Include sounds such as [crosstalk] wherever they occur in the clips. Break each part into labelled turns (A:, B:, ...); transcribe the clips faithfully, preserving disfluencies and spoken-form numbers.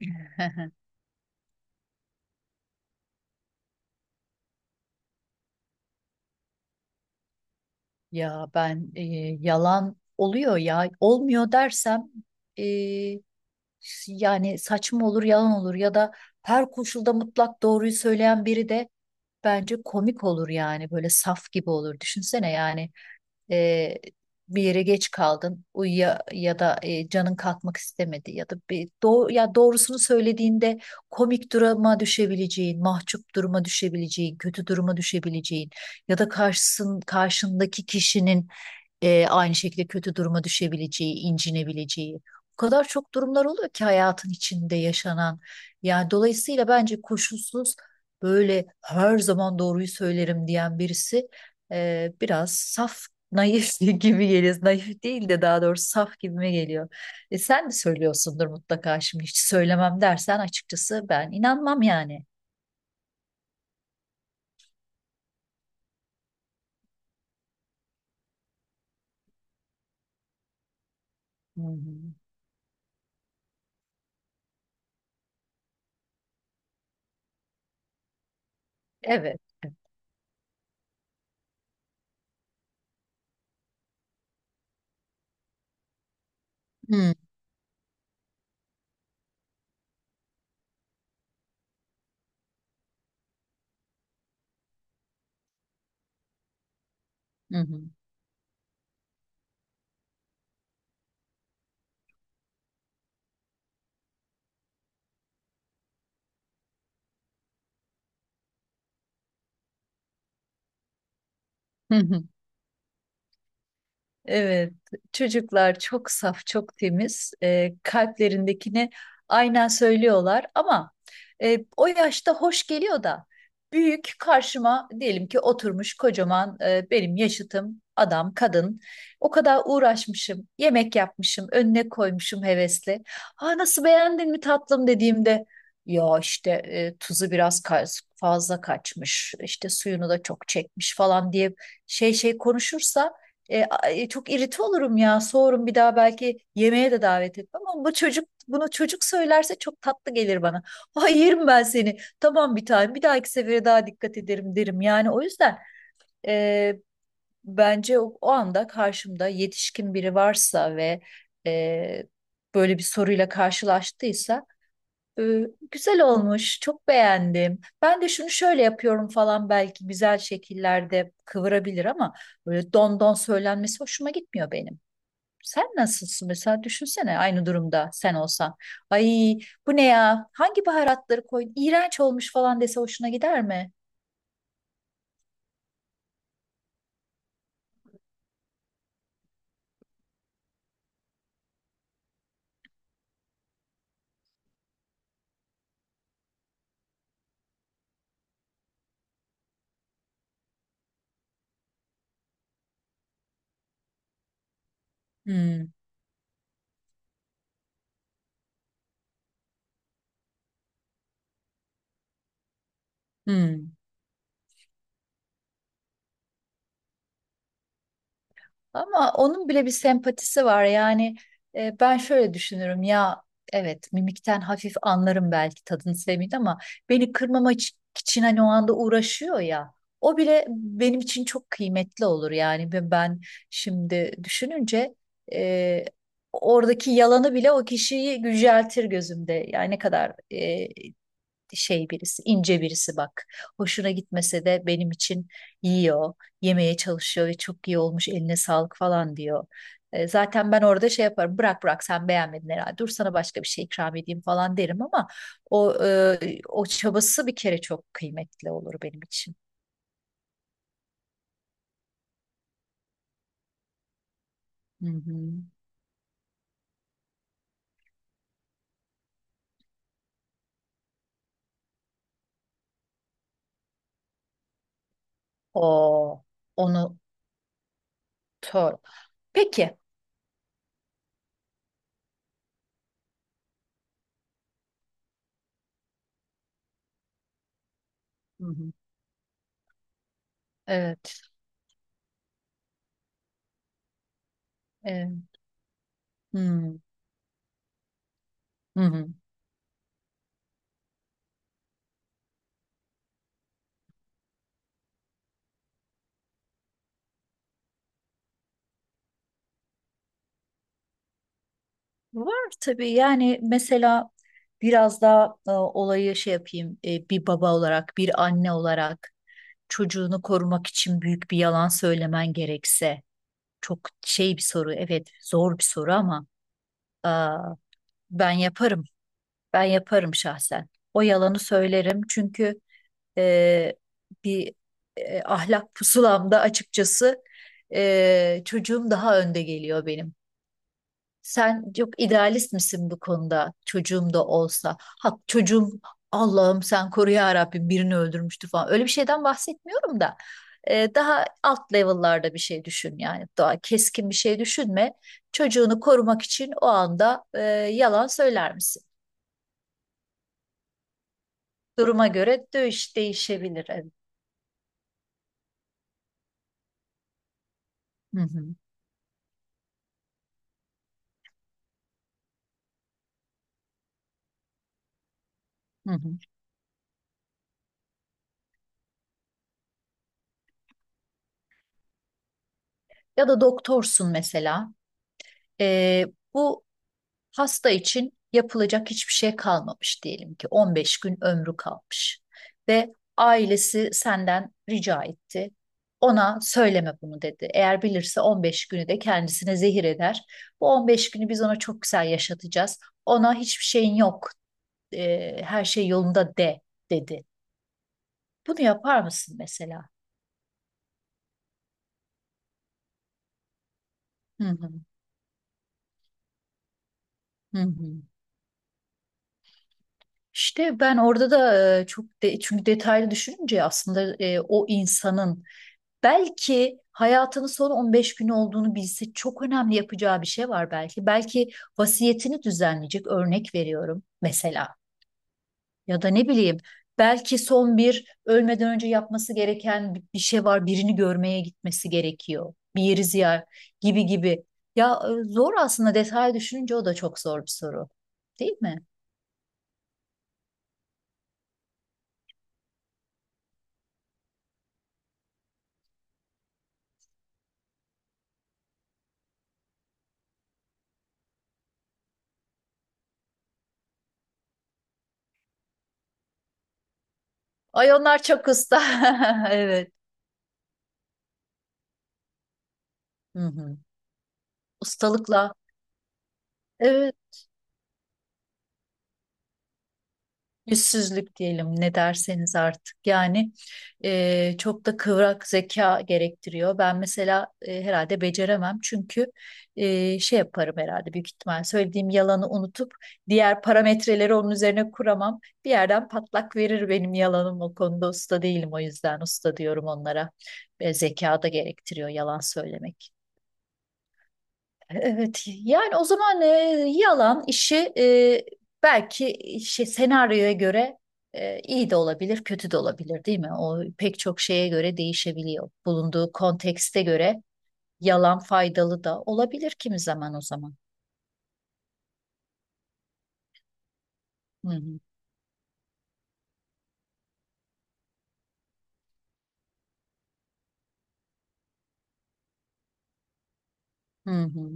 A: [laughs] Ya ben e, yalan oluyor ya olmuyor dersem, e, yani saçma olur yalan olur ya da her koşulda mutlak doğruyu söyleyen biri de bence komik olur, yani böyle saf gibi olur, düşünsene. Yani e, bir yere geç kaldın uyuya ya da e, canın kalkmak istemedi ya da bir doğ- ya doğrusunu söylediğinde komik duruma düşebileceğin, mahcup duruma düşebileceğin, kötü duruma düşebileceğin ya da karşısın karşındaki kişinin e, aynı şekilde kötü duruma düşebileceği, incinebileceği. O kadar çok durumlar oluyor ki hayatın içinde yaşanan. Yani dolayısıyla bence koşulsuz böyle her zaman doğruyu söylerim diyen birisi e, biraz saf, naif [laughs] gibi geliyor. Naif değil de daha doğrusu saf gibime geliyor. E, sen de söylüyorsundur mutlaka. Şimdi hiç söylemem dersen açıkçası ben inanmam yani. Hı hı. Evet. Hı hı. Hı. Hı. [laughs] Evet, çocuklar çok saf, çok temiz. Ee, kalplerindekini aynen söylüyorlar ama e, o yaşta hoş geliyor da büyük karşıma diyelim ki oturmuş kocaman, e, benim yaşıtım adam, kadın. O kadar uğraşmışım, yemek yapmışım, önüne koymuşum hevesli. "Ha, nasıl, beğendin mi tatlım?" dediğimde "Ya işte e, tuzu biraz ka- fazla kaçmış, işte suyunu da çok çekmiş" falan diye şey şey konuşursa e, a- e, çok irite olurum ya. Soğurum, bir daha belki yemeğe de davet etmem. Ama bu çocuk bunu, çocuk söylerse çok tatlı gelir bana. [laughs] Ay, yerim ben seni. Tamam, bir tane. Bir dahaki sefere daha dikkat ederim derim. Yani o yüzden e, bence o, o anda karşımda yetişkin biri varsa ve e, böyle bir soruyla karşılaştıysa, ee, "Güzel olmuş, çok beğendim. Ben de şunu şöyle yapıyorum" falan belki güzel şekillerde kıvırabilir ama böyle don don söylenmesi hoşuma gitmiyor benim. Sen nasılsın mesela, düşünsene aynı durumda sen olsan. Ay, bu ne ya? Hangi baharatları koydun? İğrenç olmuş falan dese hoşuna gider mi? Hmm. Hmm. Ama onun bile bir sempatisi var. Yani e, ben şöyle düşünürüm ya, evet mimikten hafif anlarım, belki tadını sevmeyeyim ama beni kırmama iç- için, hani, o anda uğraşıyor ya. O bile benim için çok kıymetli olur yani. Ve ben şimdi düşününce e, oradaki yalanı bile o kişiyi yüceltir gözümde. Yani ne kadar e, şey birisi, ince birisi, bak. Hoşuna gitmese de benim için yiyor, yemeye çalışıyor ve "çok iyi olmuş, eline sağlık" falan diyor. E, zaten ben orada şey yaparım, "bırak bırak sen beğenmedin herhalde, dur sana başka bir şey ikram edeyim" falan derim ama o e, o çabası bir kere çok kıymetli olur benim için. Hı hı. O onu tör. Peki. Hı hı. Evet. e, hmm, hı hı. Var tabii, yani mesela biraz daha e, olayı şey yapayım, e, bir baba olarak, bir anne olarak çocuğunu korumak için büyük bir yalan söylemen gerekse çok şey bir soru, evet, zor bir soru ama aa, ben yaparım, ben yaparım şahsen o yalanı söylerim, çünkü e, bir e, ahlak pusulamda açıkçası e, çocuğum daha önde geliyor benim. Sen yok, idealist misin bu konuda çocuğum da olsa? Ha, çocuğum, Allah'ım sen koru ya Rabbim, birini öldürmüştü falan, öyle bir şeyden bahsetmiyorum da e, daha alt level'larda bir şey düşün yani. Daha keskin bir şey düşünme. Çocuğunu korumak için o anda e, yalan söyler misin? Duruma göre dövüş değişebilir. Evet. Hı hı, hı hı. Ya da doktorsun mesela. E, bu hasta için yapılacak hiçbir şey kalmamış diyelim ki, on beş gün ömrü kalmış ve ailesi senden rica etti. "Ona söyleme bunu" dedi. "Eğer bilirse on beş günü de kendisine zehir eder. Bu on beş günü biz ona çok güzel yaşatacağız. Ona hiçbir şeyin yok, e, her şey yolunda de" dedi. Bunu yapar mısın mesela? Hı hı, hı hı. İşte ben orada da e, çok de, çünkü detaylı düşününce aslında e, o insanın, belki hayatının son on beş günü olduğunu bilse çok önemli yapacağı bir şey var belki. Belki vasiyetini düzenleyecek, örnek veriyorum mesela. Ya da ne bileyim belki son bir, ölmeden önce yapması gereken bi- bir şey var. Birini görmeye gitmesi gerekiyor, bir yeri ziyaret, gibi gibi. Ya e, zor aslında, detay düşününce o da çok zor bir soru. Değil mi? Ay, onlar çok usta. [laughs] Evet. Hı hı. Ustalıkla. Evet. Yüzsüzlük diyelim, ne derseniz artık yani, e, çok da kıvrak zeka gerektiriyor. Ben mesela e, herhalde beceremem, çünkü e, şey yaparım herhalde, büyük ihtimal söylediğim yalanı unutup diğer parametreleri onun üzerine kuramam. Bir yerden patlak verir benim yalanım, o konuda usta değilim, o yüzden usta diyorum onlara. E, zeka da gerektiriyor yalan söylemek. Evet, yani o zaman e, yalan işi, e, belki, şey, senaryoya göre e, iyi de olabilir, kötü de olabilir, değil mi? O pek çok şeye göre değişebiliyor. Bulunduğu kontekste göre yalan faydalı da olabilir kimi zaman, o zaman. Hı hı, hı hı,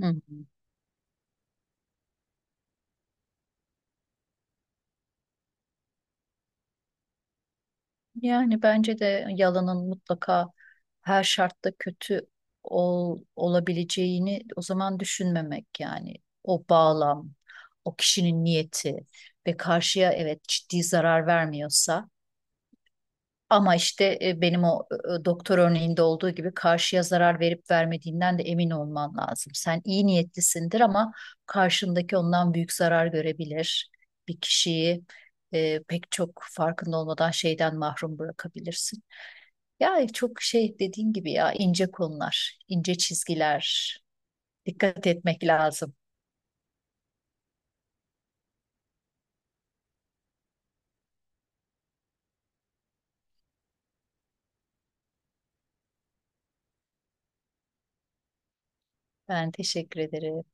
A: hı hı. Yani bence de yalanın mutlaka her şartta kötü ol, olabileceğini o zaman düşünmemek, yani o bağlam, o kişinin niyeti ve karşıya, evet, ciddi zarar vermiyorsa. Ama işte e, benim o, e, doktor örneğinde olduğu gibi, karşıya zarar verip vermediğinden de emin olman lazım. Sen iyi niyetlisindir ama karşındaki ondan büyük zarar görebilir. Bir kişiyi e, pek çok, farkında olmadan şeyden mahrum bırakabilirsin. Ya çok şey, dediğin gibi ya, ince konular, ince çizgiler. Dikkat etmek lazım. Ben teşekkür ederim.